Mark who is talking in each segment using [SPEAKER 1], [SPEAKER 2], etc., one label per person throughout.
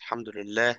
[SPEAKER 1] الحمد لله.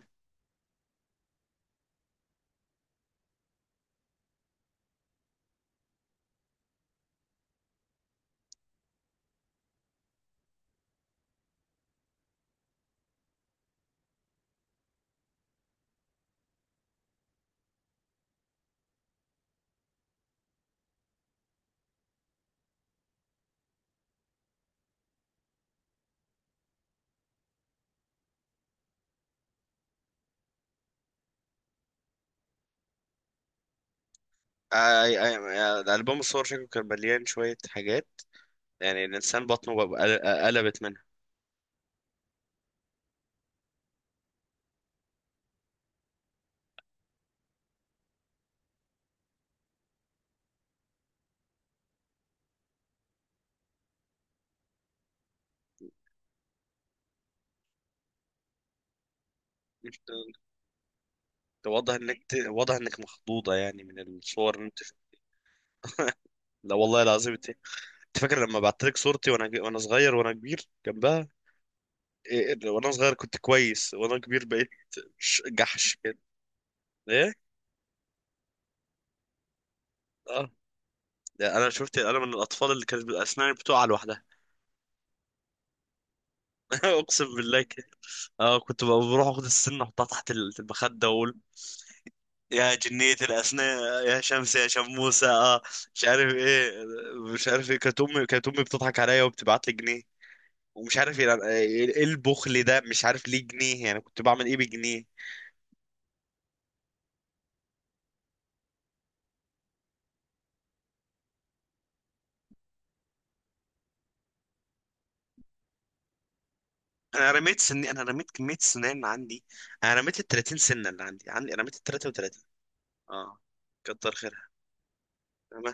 [SPEAKER 1] آه، آه، آه، آه، الألبوم الصور شكله كان مليان شوية حاجات. يعني الإنسان بطنه بقى- آه، قلبت منها. انت أنت واضح انك مخضوضة يعني من الصور اللي انت. لا والله العظيم انت. أنت فاكر لما بعت لك صورتي وانا صغير وانا كبير جنبها؟ إيه، وانا صغير كنت كويس وانا كبير بقيت جحش كده. ايه. اه. ده انا شفت انا من الاطفال اللي كانت اسناني بتقع لوحدها. اقسم بالله كده. اه، كنت بقى بروح اخد السن احطها تحت المخدة: يا جنية الأسنان، يا شمس، يا شموسة، اه مش عارف ايه. مش عارف ايه، كانت امي بتضحك عليا وبتبعت لي جنيه. ومش عارف ايه، يعني ايه، إيه البخل ده؟ مش عارف ليه جنيه، يعني كنت بعمل ايه بجنيه؟ انا رميت سني، انا رميت كمية سنان عندي. انا رميت ال 30 سنة اللي عندي رميت ال 33. اه، كتر خيرها. تمام.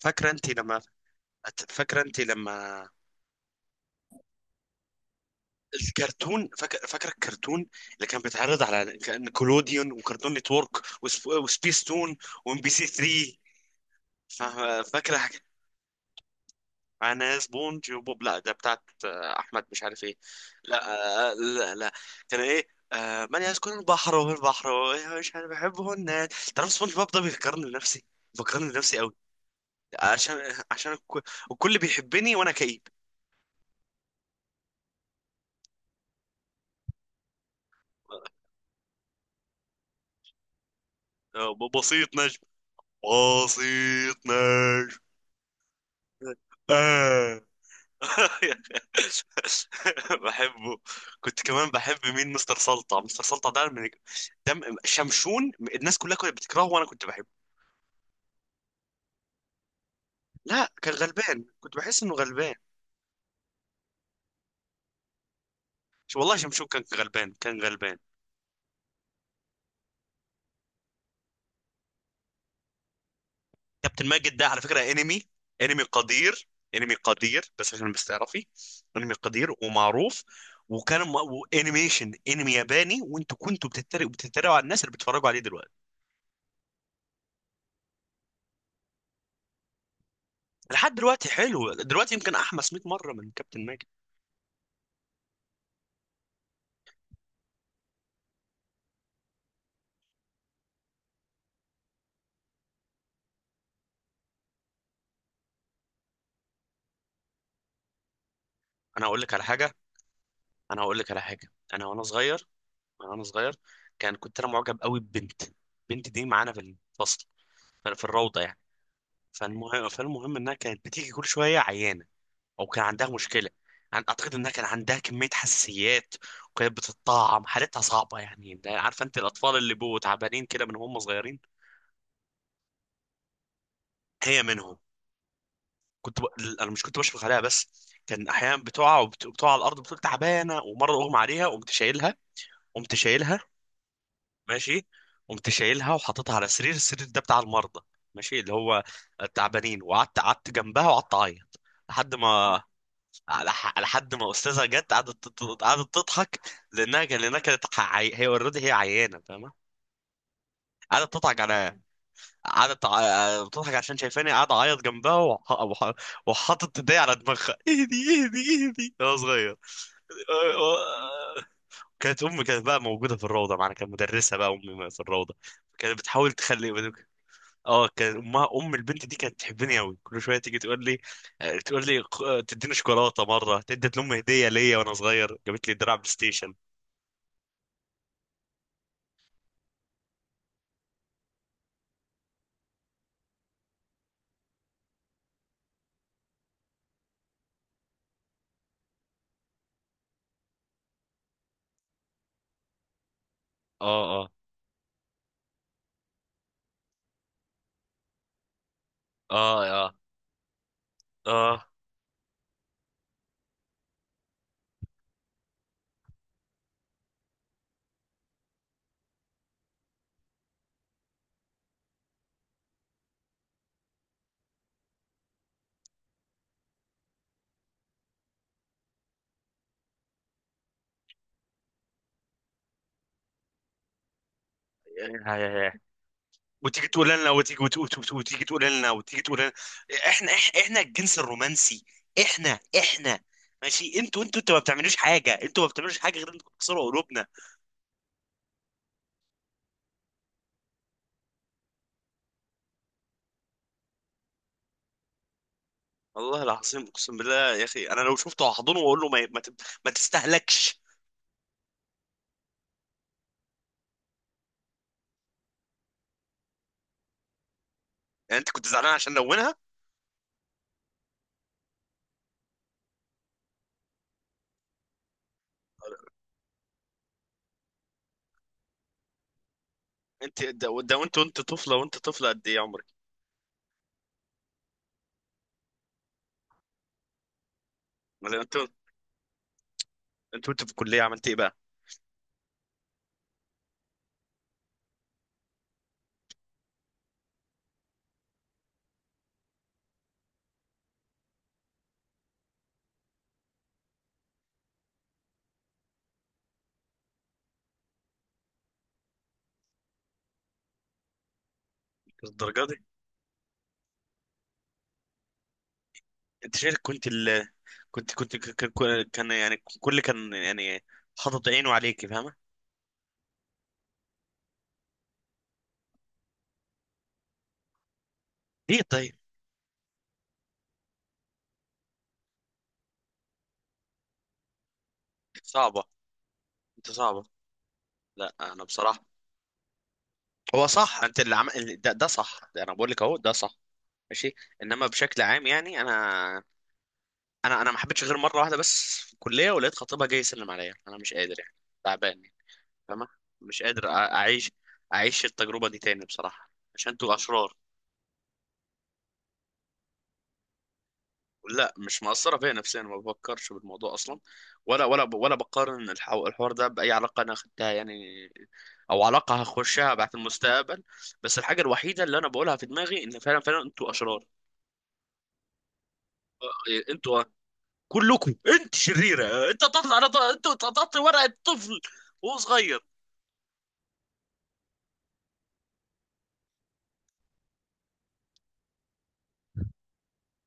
[SPEAKER 1] فاكرة انت لما فاكرة انت لما الكرتون، فاكر الكرتون اللي كان بيتعرض على، كان كولوديون وكرتون نتورك وسبيس تون وام بي سي 3؟ فاكر حاجه؟ انا سبونج وبوب، لا ده بتاعت آه، احمد مش عارف ايه. لا، آه، لا لا. كان ايه؟ آه، من يسكن البحر وهو البحر. مش عارف، بحبه. الناس تعرف سبونج بوب ده بيفكرني بنفسي، بيفكرني بنفسي قوي. عشان، عشان الك- الكل بيحبني وانا كئيب. آه، بسيط نجم، بسيط نجم. آه بحبه. كنت كمان بحب مين؟ مستر سلطع، مستر سلطع ده من دم شمشون. الناس كلها كانت بتكرهه وانا كنت بحبه. لا كان غلبان، كنت بحس انه غلبان. شو والله، شمشون كان غلبان. كابتن ماجد ده على فكرة انمي، انمي قدير. انمي قدير بس عشان بس تعرفي، انمي قدير ومعروف. وانيميشن انمي ياباني، وانتوا كنتوا بتتريقوا على الناس اللي بيتفرجوا عليه دلوقتي. لحد دلوقتي حلو، دلوقتي يمكن احمس 100 مرة من كابتن ماجد. انا هقول لك على حاجه انا هقول لك على حاجه. انا وانا صغير انا وانا صغير، كنت انا معجب قوي ببنت. البنت دي معانا في الفصل، في الروضه يعني. فالمهم انها كانت بتيجي كل شويه عيانه، او كان عندها مشكله. اعتقد انها كان عندها كميه حساسيات وكانت بتتطعم. حالتها صعبه يعني، انت عارفه انت الاطفال اللي بيبقوا تعبانين كده من هم صغيرين؟ هي منهم. كنت ب... انا مش كنت بشفق عليها بس، كان احيانا بتقع وبتقع على الارض بتقول تعبانه. ومره اغمى عليها قمت شايلها. قمت شايلها ماشي. قمت شايلها وحاططها على سرير، السرير ده بتاع المرضى، ماشي، اللي هو التعبانين. وقعدت قعدت جنبها وقعدت اعيط لحد ما لحد ما استاذه جت قعدت تضحك، لانها كانت هي اوريدي، هي عيانه فاهمه. قعدت تضحك على قعدت ع- بتضحك عشان شايفاني قاعد اعيط جنبها، وحاطط ايديا على دماغها: اهدي، اهدي، اهدي، انا صغير. كانت امي، كانت بقى موجوده في الروضه معانا، كانت مدرسه بقى امي في الروضه، كانت بتحاول تخلي. اه، كان امها، ام البنت دي، كانت تحبني قوي. كل شويه تيجي تقول لي، تديني شوكولاته. مره ادت لامي هديه ليا وانا صغير، جابت لي دراع بلاي ستيشن. اه. اه. اه. اه. اه. يا- يا- يا. وتيجي تقول لنا، وتيجي وت- وت- وت- وتيجي تقول لنا وتيجي تقول لنا: احنا، احنا الجنس الرومانسي. احنا ماشي، انتوا ما بتعملوش حاجه، غير انكم تكسروا قلوبنا. والله العظيم اقسم بالله يا اخي، انا لو شفته هحضنه واقول له ما تستهلكش. يعني انت كنت زعلان عشان لونها؟ انت ده وانت طفله، وانت طفله قد ايه عمرك؟ ولا انت؟ وانت في الكليه عملت ايه بقى؟ الدرجه دي. انت شايف كنت ال... كنت كنت ك- ك- كان يعني، كل كان يعني حاطط عينه عليك فاهمه. ليه طيب؟ صعبه، انت صعبه. لا انا بصراحه. هو صح، انت اللي ده صح، ده انا بقول لك اهو ده صح. ماشي، انما بشكل عام يعني انا، انا ما حبيتش غير مره واحده بس في الكليه، ولقيت خطيبها جاي يسلم عليا. انا مش قادر يعني، تعبان. فاهمة، مش قادر أعيش، أعيش التجربة دي تاني بصراحة عشان انتوا أشرار. لا مش مأثرة فيا نفسيا، ما بفكرش بالموضوع أصلا. ولا بقارن الحوار ده بأي علاقة أنا أخدتها يعني، أو علاقة هخشها بعد المستقبل. بس الحاجة الوحيدة اللي أنا بقولها في دماغي، إن فعلا فعلا انتوا أشرار. آه، إيه، انتوا كلكم. انت شريرة، آه، انتوا تقطعت ورقة طفل وهو صغير.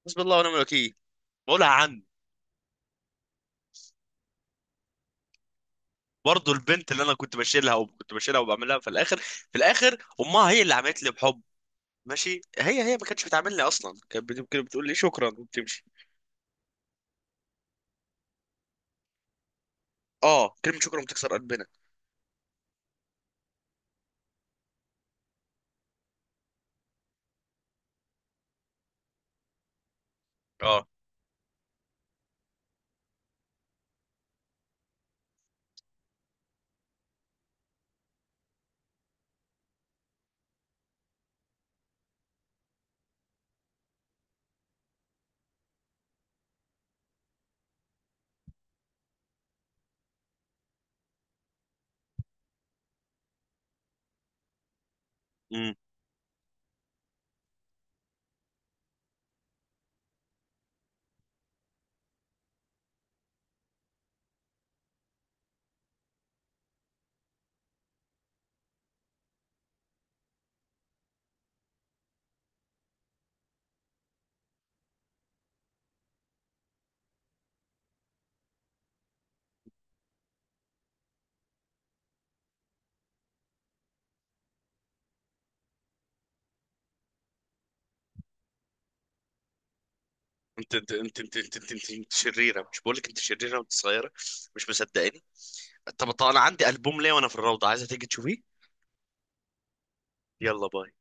[SPEAKER 1] بسم الله ونعم الوكيل، بقولها عن. برضه البنت اللي انا كنت بشيلها وكنت بشيلها وبعملها، في الاخر، في الاخر امها هي اللي عملت لي بحب. ماشي، هي ما كانتش بتعاملني اصلا، كانت بتقول لي شكرا وبتمشي. اه كلمه شكرا بتكسر قلبنا. اه. امم. انت شريره، مش بقول لك انت شريره وانت صغيره؟ مش مصدقاني. طب انا عندي البوم ليه وانا في الروضه، عايزه تيجي تشوفيه؟ يلا باي.